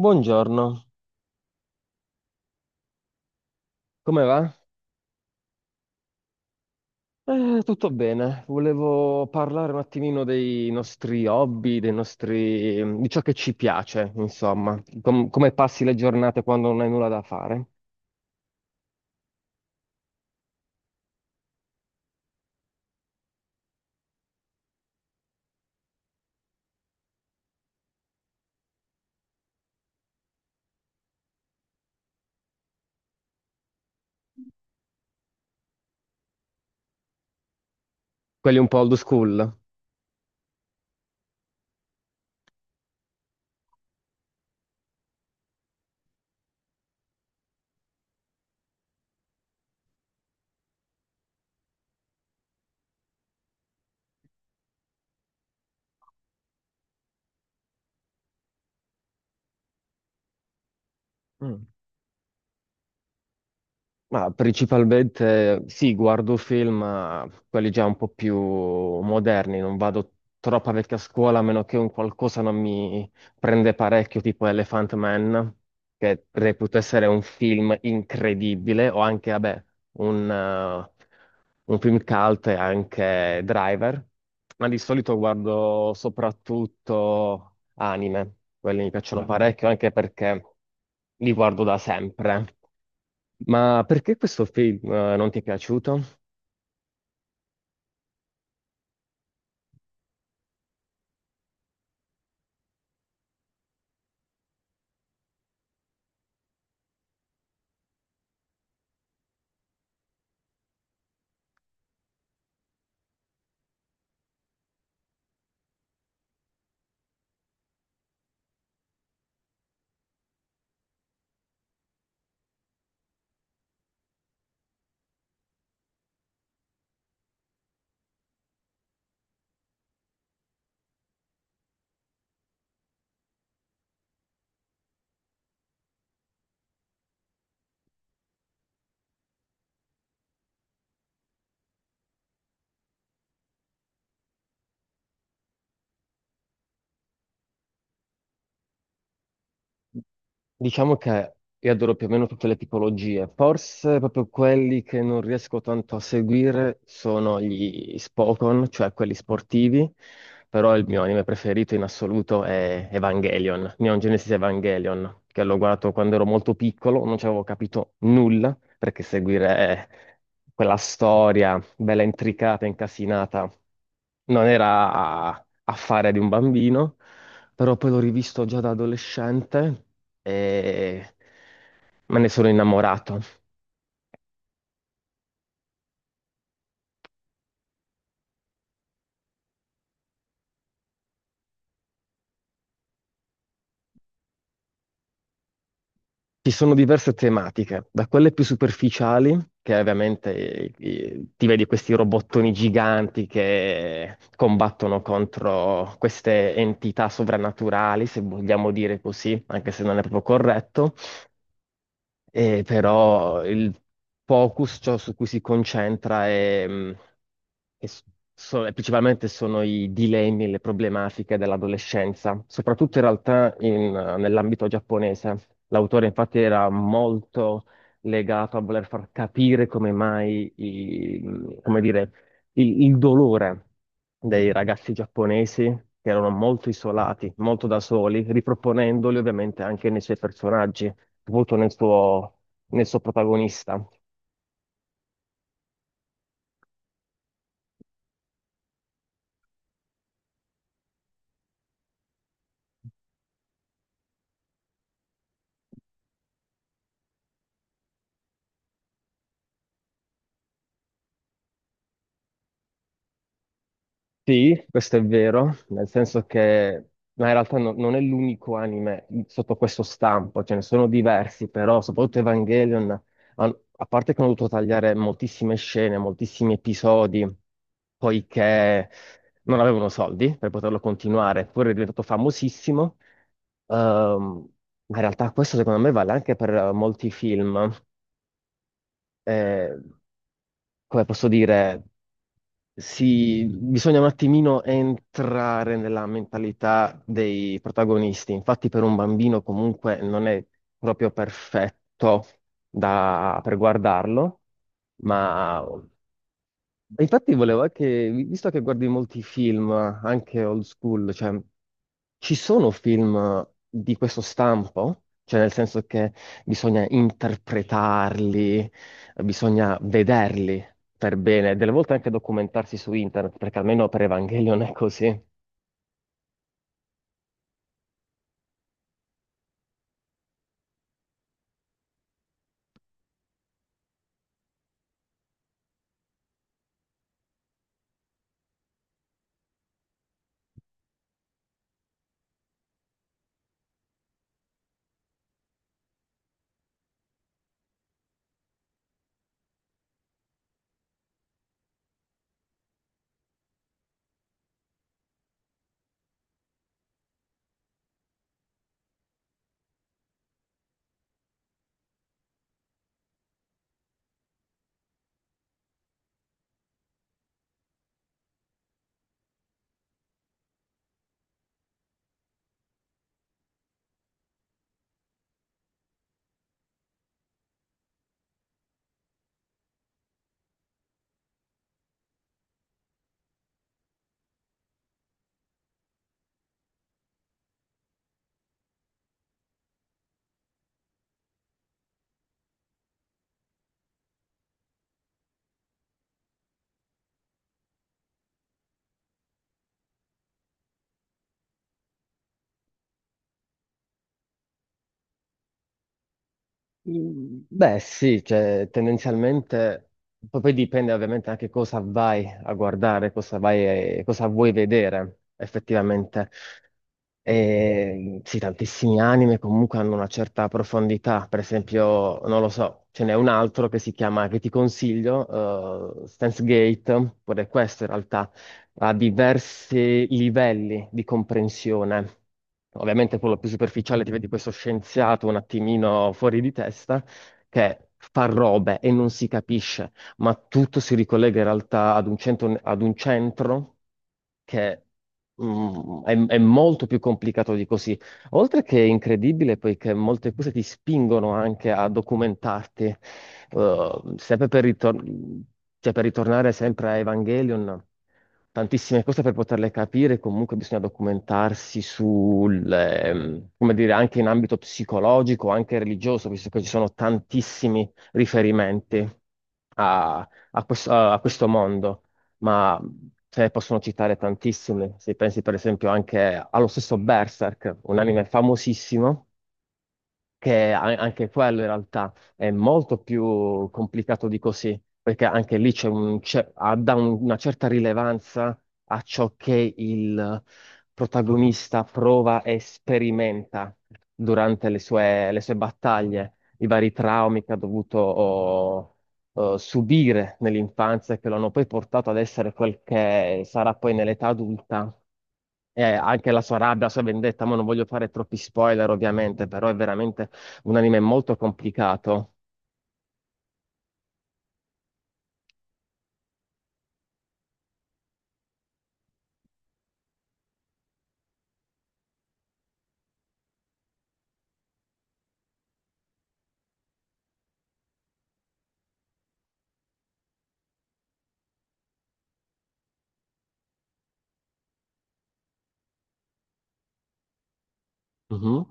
Buongiorno, come va? Tutto bene. Volevo parlare un attimino dei nostri hobby, dei nostri di ciò che ci piace, insomma. Come passi le giornate quando non hai nulla da fare? Quelli un po' old school. Mm. Ma principalmente sì, guardo film, ma quelli già un po' più moderni, non vado troppo a vecchia scuola, a meno che un qualcosa non mi prende parecchio, tipo Elephant Man, che reputo essere un film incredibile, o anche, vabbè, un, eh, un film cult e anche Driver, ma di solito guardo soprattutto anime, quelli mi piacciono Ah, parecchio, anche perché li guardo da sempre. Ma perché questo film non ti è piaciuto? Diciamo che io adoro più o meno tutte le tipologie, forse proprio quelli che non riesco tanto a seguire sono gli Spokon, cioè quelli sportivi, però il mio anime preferito in assoluto è Evangelion, Neon Genesis Evangelion, che l'ho guardato quando ero molto piccolo, non ci avevo capito nulla, perché seguire quella storia bella intricata, incasinata, non era affare di un bambino però poi l'ho rivisto già da adolescente e me ne sono innamorato. Ci sono diverse tematiche, da quelle più superficiali, che ovviamente ti vedi questi robottoni giganti che combattono contro queste entità sovrannaturali, se vogliamo dire così, anche se non è proprio corretto. E però il focus, ciò su cui si concentra è, che s- so- e principalmente sono i dilemmi e le problematiche dell'adolescenza, soprattutto in realtà nell'ambito giapponese. L'autore infatti era molto legato a voler far capire come mai, come dire, il dolore dei ragazzi giapponesi, che erano molto isolati, molto da soli, riproponendoli ovviamente anche nei suoi personaggi molto nel suo protagonista. Sì, questo è vero, nel senso che, ma in realtà non è l'unico anime sotto questo stampo, ce ne sono diversi, però soprattutto Evangelion, a parte che hanno dovuto tagliare moltissime scene, moltissimi episodi, poiché non avevano soldi per poterlo continuare, poi è diventato famosissimo. Ehm, ma in realtà questo secondo me vale anche per molti film. Eh, Come posso dire? Bisogna un attimino entrare nella mentalità dei protagonisti. Infatti, per un bambino comunque non è proprio perfetto per guardarlo, ma Infatti volevo anche, visto che guardi molti film, anche old school, cioè, ci sono film di questo stampo? Cioè, nel senso che bisogna interpretarli, bisogna vederli per bene, delle volte anche documentarsi su internet, perché almeno per Evangelion è così. Beh, sì, cioè, tendenzialmente poi dipende ovviamente anche cosa vai a guardare, cosa vai, cosa vuoi vedere effettivamente. E, sì, tantissimi anime comunque hanno una certa profondità, per esempio, non lo so, ce n'è un altro che si chiama, che ti consiglio, Steins Gate, pure questo in realtà ha diversi livelli di comprensione. Ovviamente quello più superficiale ti vedi questo scienziato un attimino fuori di testa, che fa robe e non si capisce, ma tutto si ricollega in realtà ad un centro che mm, è molto più complicato di così. Oltre che è incredibile, poiché molte cose ti spingono anche a documentarti. Eh, sempre per, ritor- cioè, per ritornare sempre a Evangelion, tantissime cose per poterle capire, comunque bisogna documentarsi sul, come dire, anche in ambito psicologico, anche religioso, visto che ci sono tantissimi riferimenti a questo mondo ma se ne possono citare tantissime. Se pensi per esempio anche allo stesso Berserk, un anime famosissimo, anche quello in realtà è molto più complicato di così, perché anche lì c'è un, c'è- ha- dà un- una certa rilevanza a ciò che il protagonista prova e sperimenta durante le sue battaglie, i vari traumi che ha o subire nell'infanzia e che lo hanno poi portato ad essere quel che sarà poi nell'età adulta. E anche la sua rabbia, la sua vendetta, ma non voglio fare troppi spoiler ovviamente, però è veramente un anime molto complicato. Mhm.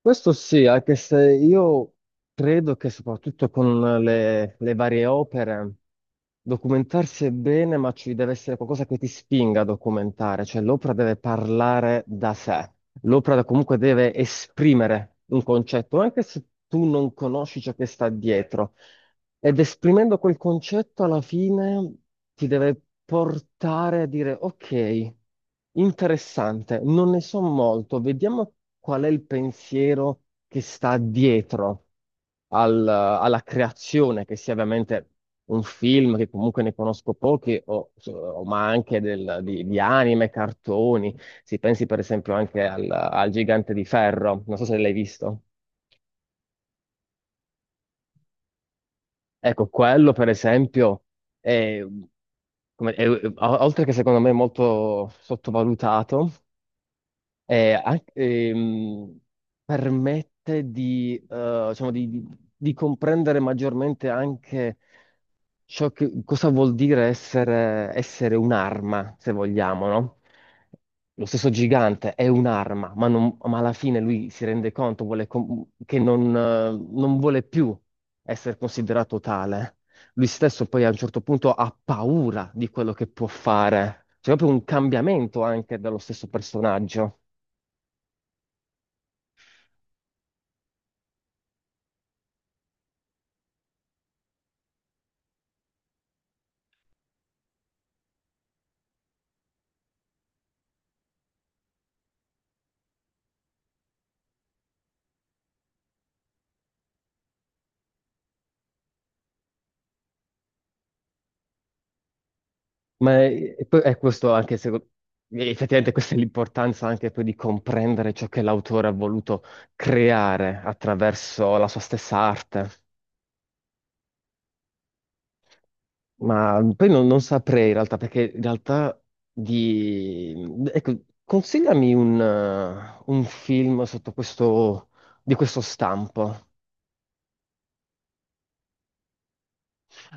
Questo sì, anche se io Credo che soprattutto con le varie opere documentarsi è bene, ma ci deve essere qualcosa che ti spinga a documentare, cioè l'opera deve parlare da sé, l'opera comunque deve esprimere un concetto, anche se tu non conosci ciò che sta dietro. Ed esprimendo quel concetto alla fine ti deve portare a dire ok, interessante, non ne so molto, vediamo qual è il pensiero che sta dietro alla creazione, che sia ovviamente un film che comunque ne conosco pochi, ma anche di anime, cartoni. Si pensi per esempio anche al Gigante di Ferro, non so se l'hai visto. Ecco, quello per esempio è, come- è- o- oltre che secondo me molto sottovalutato, è anche permette di, diciamo, di comprendere maggiormente anche cosa vuol dire essere, essere un'arma, se vogliamo, no? Lo stesso gigante è un'arma, ma, ma alla fine lui si rende conto vuole che non non vuole più essere considerato tale. Lui stesso poi a un certo punto ha paura di quello che può fare. C'è proprio un cambiamento anche dallo stesso personaggio. Ma è è questo anche se effettivamente questa è l'importanza anche poi di comprendere ciò che l'autore ha voluto creare attraverso la sua stessa arte. Ma poi non saprei in realtà, perché in realtà di Ecco, consigliami un film sotto questo, di questo stampo.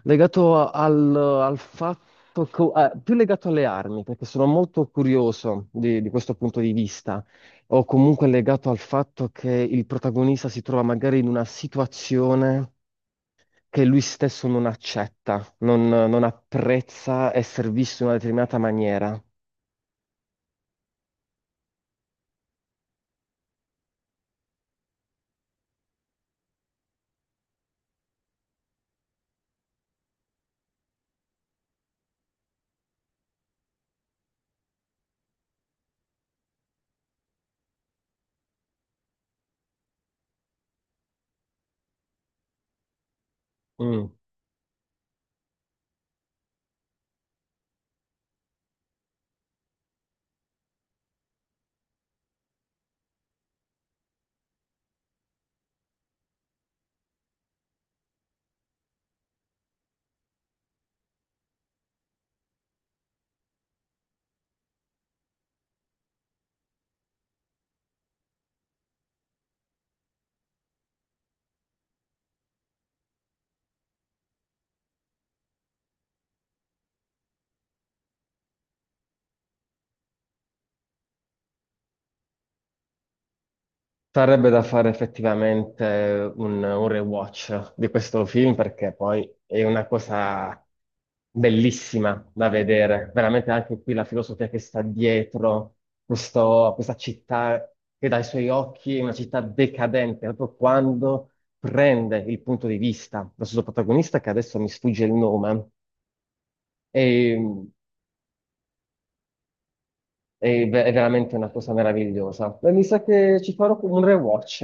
Legato al fatto, più legato alle armi, perché sono molto curioso di questo punto di vista, o comunque legato al fatto che il protagonista si trova magari in una situazione che lui stesso non accetta, non apprezza essere visto in una determinata maniera. Mm. Sarebbe da fare effettivamente un rewatch di questo film perché poi è una cosa bellissima da vedere. Veramente anche qui la filosofia che sta dietro questa città che dai suoi occhi è una città decadente, proprio quando prende il punto di vista del suo protagonista, che adesso mi sfugge il nome, è, è è veramente una cosa meravigliosa. E mi sa che ci farò un rewatch.